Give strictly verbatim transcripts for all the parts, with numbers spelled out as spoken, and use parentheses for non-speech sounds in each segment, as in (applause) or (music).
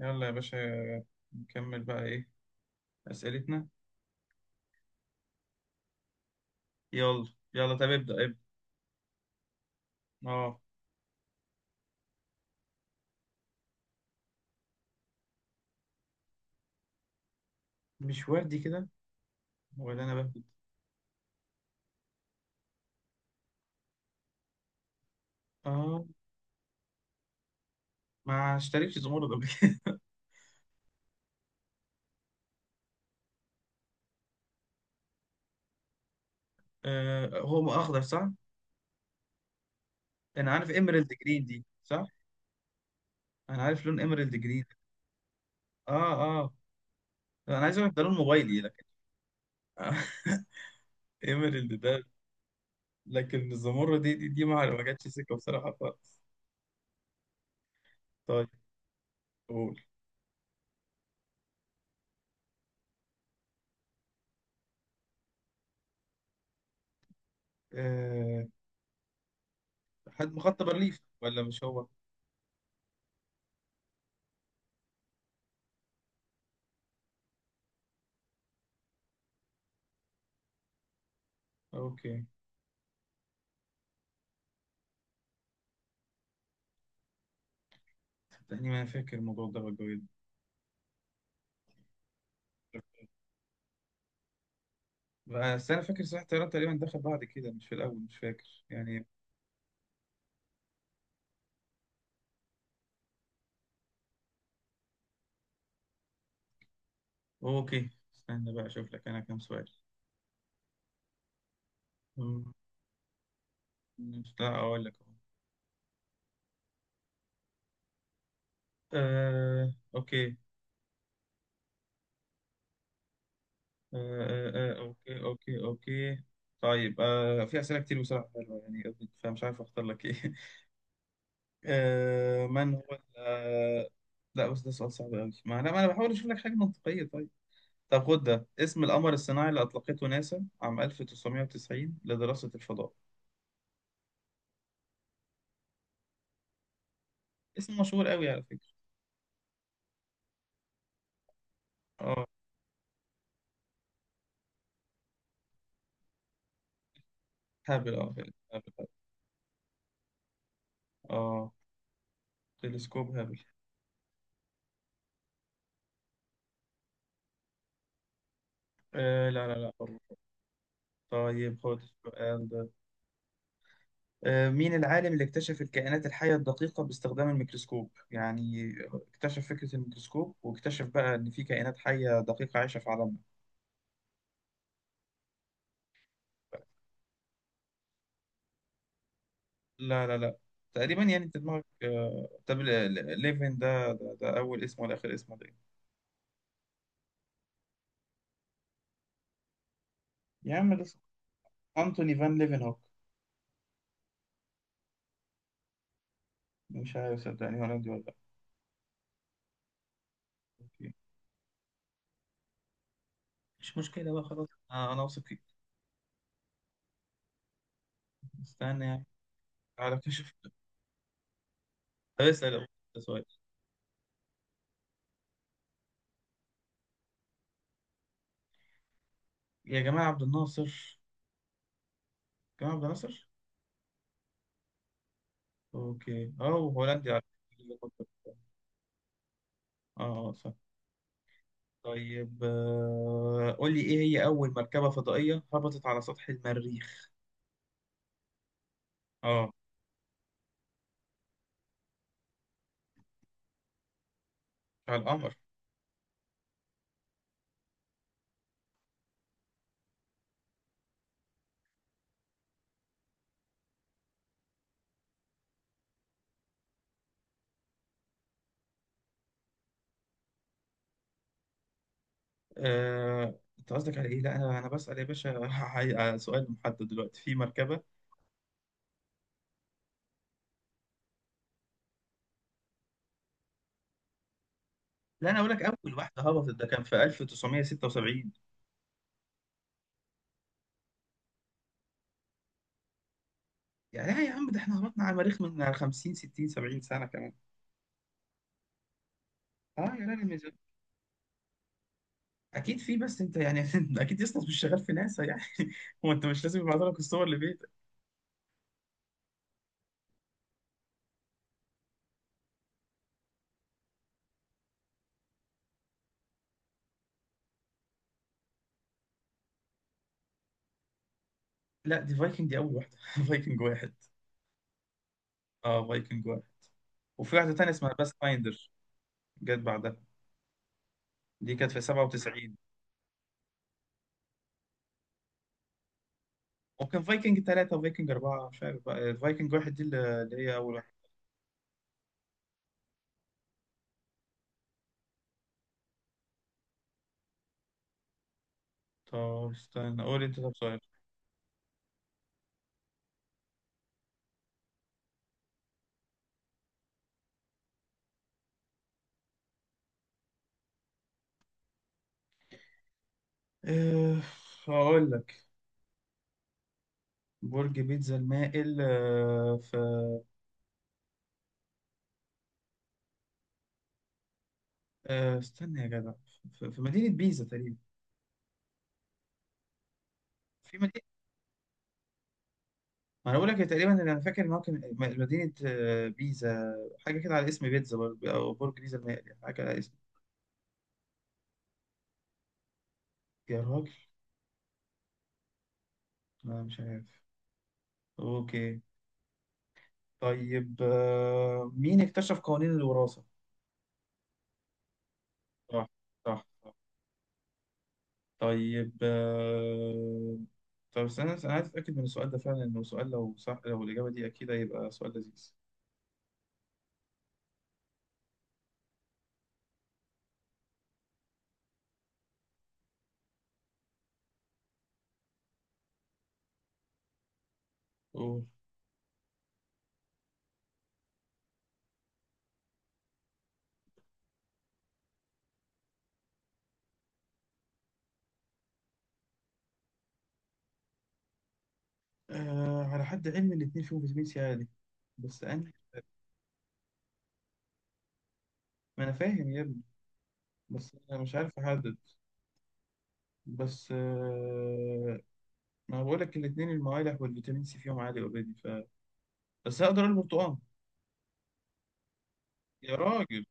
يلا يا باشا، نكمل بقى ايه اسئلتنا؟ يلا. يلا طب ابدا ابدا. اه. مش وادي كده، ولا انا بهبد؟ اه. ما اشتريتش زمرد قبل كده. (laughs) آه، هو اخضر صح؟ انا عارف ايميرالد جرين دي، صح. انا عارف لون ايميرالد جرين. اه. اه. انا عايز اعرف ده لون موبايلي لكن. (laughs) ايميرالد ده. لكن الزمرد دي دي, دي ما ما جاتش سكه بصراحه خالص. طيب. قول. آه حد مخطط برليف ولا مش هو؟ اوكي. صدقني ما انا فاكر الموضوع ده والجو ده، بس انا فاكر صحيح الطيران تقريبا دخل بعد كده، مش في الاول، مش فاكر يعني. اوكي، استنى بقى اشوف لك انا كام سؤال. أمم، لا اقول لك اهو. آه، اوكي. آه، آه، آه، اوكي، اوكي، اوكي. طيب، آه، في اسئله كتير بصراحه حلوه يعني، فمش عارف اختار لك ايه. (laughs) آه، من هو ال- آه، لا بس ده سؤال صعب قوي، ما انا ما انا بحاول اشوف لك حاجه منطقيه. طيب، طب خد ده اسم القمر الصناعي اللي اطلقته ناسا عام ألف وتسعمية وتسعين لدراسه الفضاء. اسم مشهور قوي على فكره. اه، هابل. اه فعلا هابل هابل. اه، تلسكوب هابل. آه لا لا لا برضه. طيب خد السؤال ده. آه مين العالم اللي اكتشف الكائنات الحية الدقيقة باستخدام الميكروسكوب؟ يعني اكتشف فكرة الميكروسكوب واكتشف بقى ان في كائنات حية دقيقة عايشة في عالمنا. لا لا لا. تقريبا يعني انت دماغك. آه طب ل- ل- ليفن ده, ده ده اول اسمه ولا اخر اسمه ده إيه؟ يا عم ده اسمه انتوني فان ليفن هوك. مش عارف، صدقني، هولندي ولا لا. أوكي. مش مشكلة بقى، خلاص، آه انا واثق فيك. استنى يعني. على كشف. طب اسال أبو سؤال. يا جماعه، عبد الناصر. جماعه عبد الناصر. اوكي. اه، هولندي على فكرة. اه. آه، صح. طيب، آه، قول لي ايه هي اول مركبه فضائيه هبطت على سطح المريخ؟ اه. على القمر. آه، انت قصدك على ايه؟ لا انا انا بسال يا باشا (laughs) على سؤال محدد دلوقتي في مركبه. لا انا اقول لك اول واحده هبطت ده كان في ألف وتسعمية ستة وسبعين. يعني لا يا عم، ده احنا هبطنا على المريخ من خمسين ستين سبعين سنه كمان. اه يا راجل من. اكيد في، بس انت يعني (laughs) اكيد يسطا مش شغال في ناسا يعني. (laughs) هو انت مش لازم يبعتوا لك الصور لبيتك. لا دي فايكنج، دي اول واحده. (laughs) فايكنج واحد. اه فايكنج واحد. وفي واحده تانيه اسمها باث فايندر. جت بعدها. دي كانت في سبعة وتسعين. وكان فايكنج ثلاثة وفايكنج أربعة، مش عارف بقى. آه، فايكنج واحد دي اللي اللي هي أول واحدة. طب استنى قول أنت. طب سؤال. أه، هقول لك. برج بيتزا المائل آه، في. آه، استنى يا جدع. في في مدينة بيزا تقريبا. في مدينة. ما انا بقول لك تقريبا اللي انا فاكر ان هو كان م- مدينه، آه، بيزا. حاجه كده على اسم بيتزا برضه، او برج بيزا المائل يعني، حاجه على اسم. يا راجل. لا مش عارف. اوكي. طيب، آه، مين اكتشف قوانين الوراثه؟ صح. صح صح. طيب، آه، طب استنى انا عايز اتاكد من السؤال ده، فعلا انه سؤال، لو صح لو الاجابه دي اكيد هيبقى سؤال لذيذ. قول. آه على حد علمي الاتنين فيهم فيتامين سي عالي، بس انا. ما انا فاهم يا ابني. بس انا مش عارف احدد. بس. آه، ما بقول لك الاثنين، الموالح والفيتامين سي فيهم عالي اوريدي، ف بس هقدر البرتقال. يا راجل.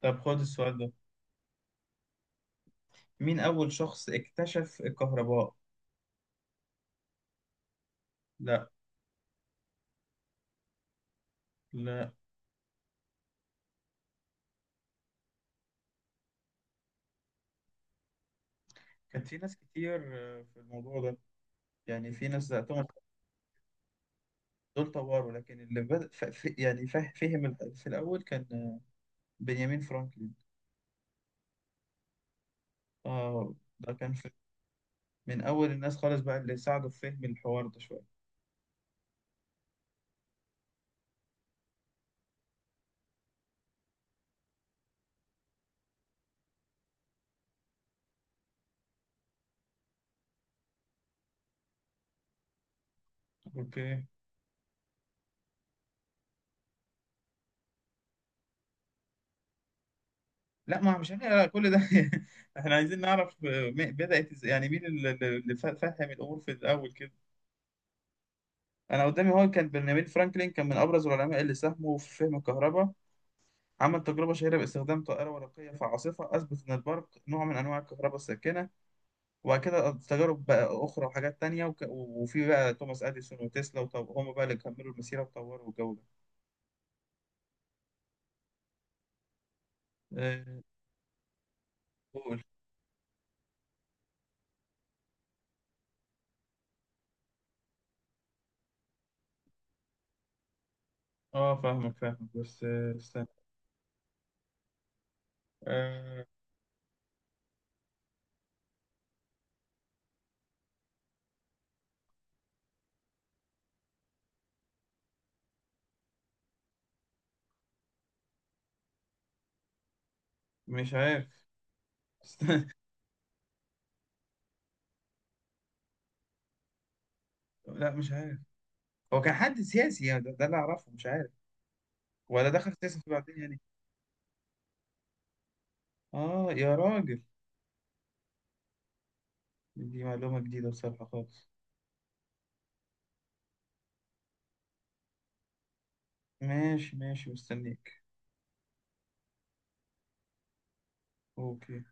طب خد السؤال ده. مين اول شخص اكتشف الكهرباء؟ لا. لا. كان في ناس كتير آه، في الموضوع ده. يعني في ناس تعتبر دول طوروا، لكن اللي بدأ ف... ف- يعني فه- فهم ال- في الاول كان آه، بنيامين فرانكلين. اه، ده كان في. من اول الناس خالص بقى اللي ساعدوا في فهم الحوار ده شويه. اوكي. لا، ما مش احنا كل ده. (laughs) احنا عايزين نعرف، آه، م- بدأت ازاي، يعني مين اللي اللي فا- فهم الامور في الاول كده. انا قدامي هو كان بنيامين فرانكلين، كان من ابرز العلماء اللي ساهموا في فهم الكهرباء. عمل تجربة شهيرة باستخدام طائرة ورقية في عاصفة، أثبت إن البرق نوع من أنواع الكهرباء الساكنة. وبعد كده تجارب بقى أخرى وحاجات تانية، وك... وفي بقى توماس أديسون وتسلا وطو... هم بقى اللي كملوا المسيرة وطوروا الجو ده. آه، قول. اه، فاهمك فاهمك بس. آه، استنى. آه، مش عارف. (laughs) استنى. لا مش عارف. هو كان حد سياسي يعني، ده, ده اللي اعرفه، مش عارف ولا دخل سياسة بعدين يعني. اه يا راجل. دي معلومة جديدة بصراحة خالص. ماشي ماشي، مستنيك. اوكي.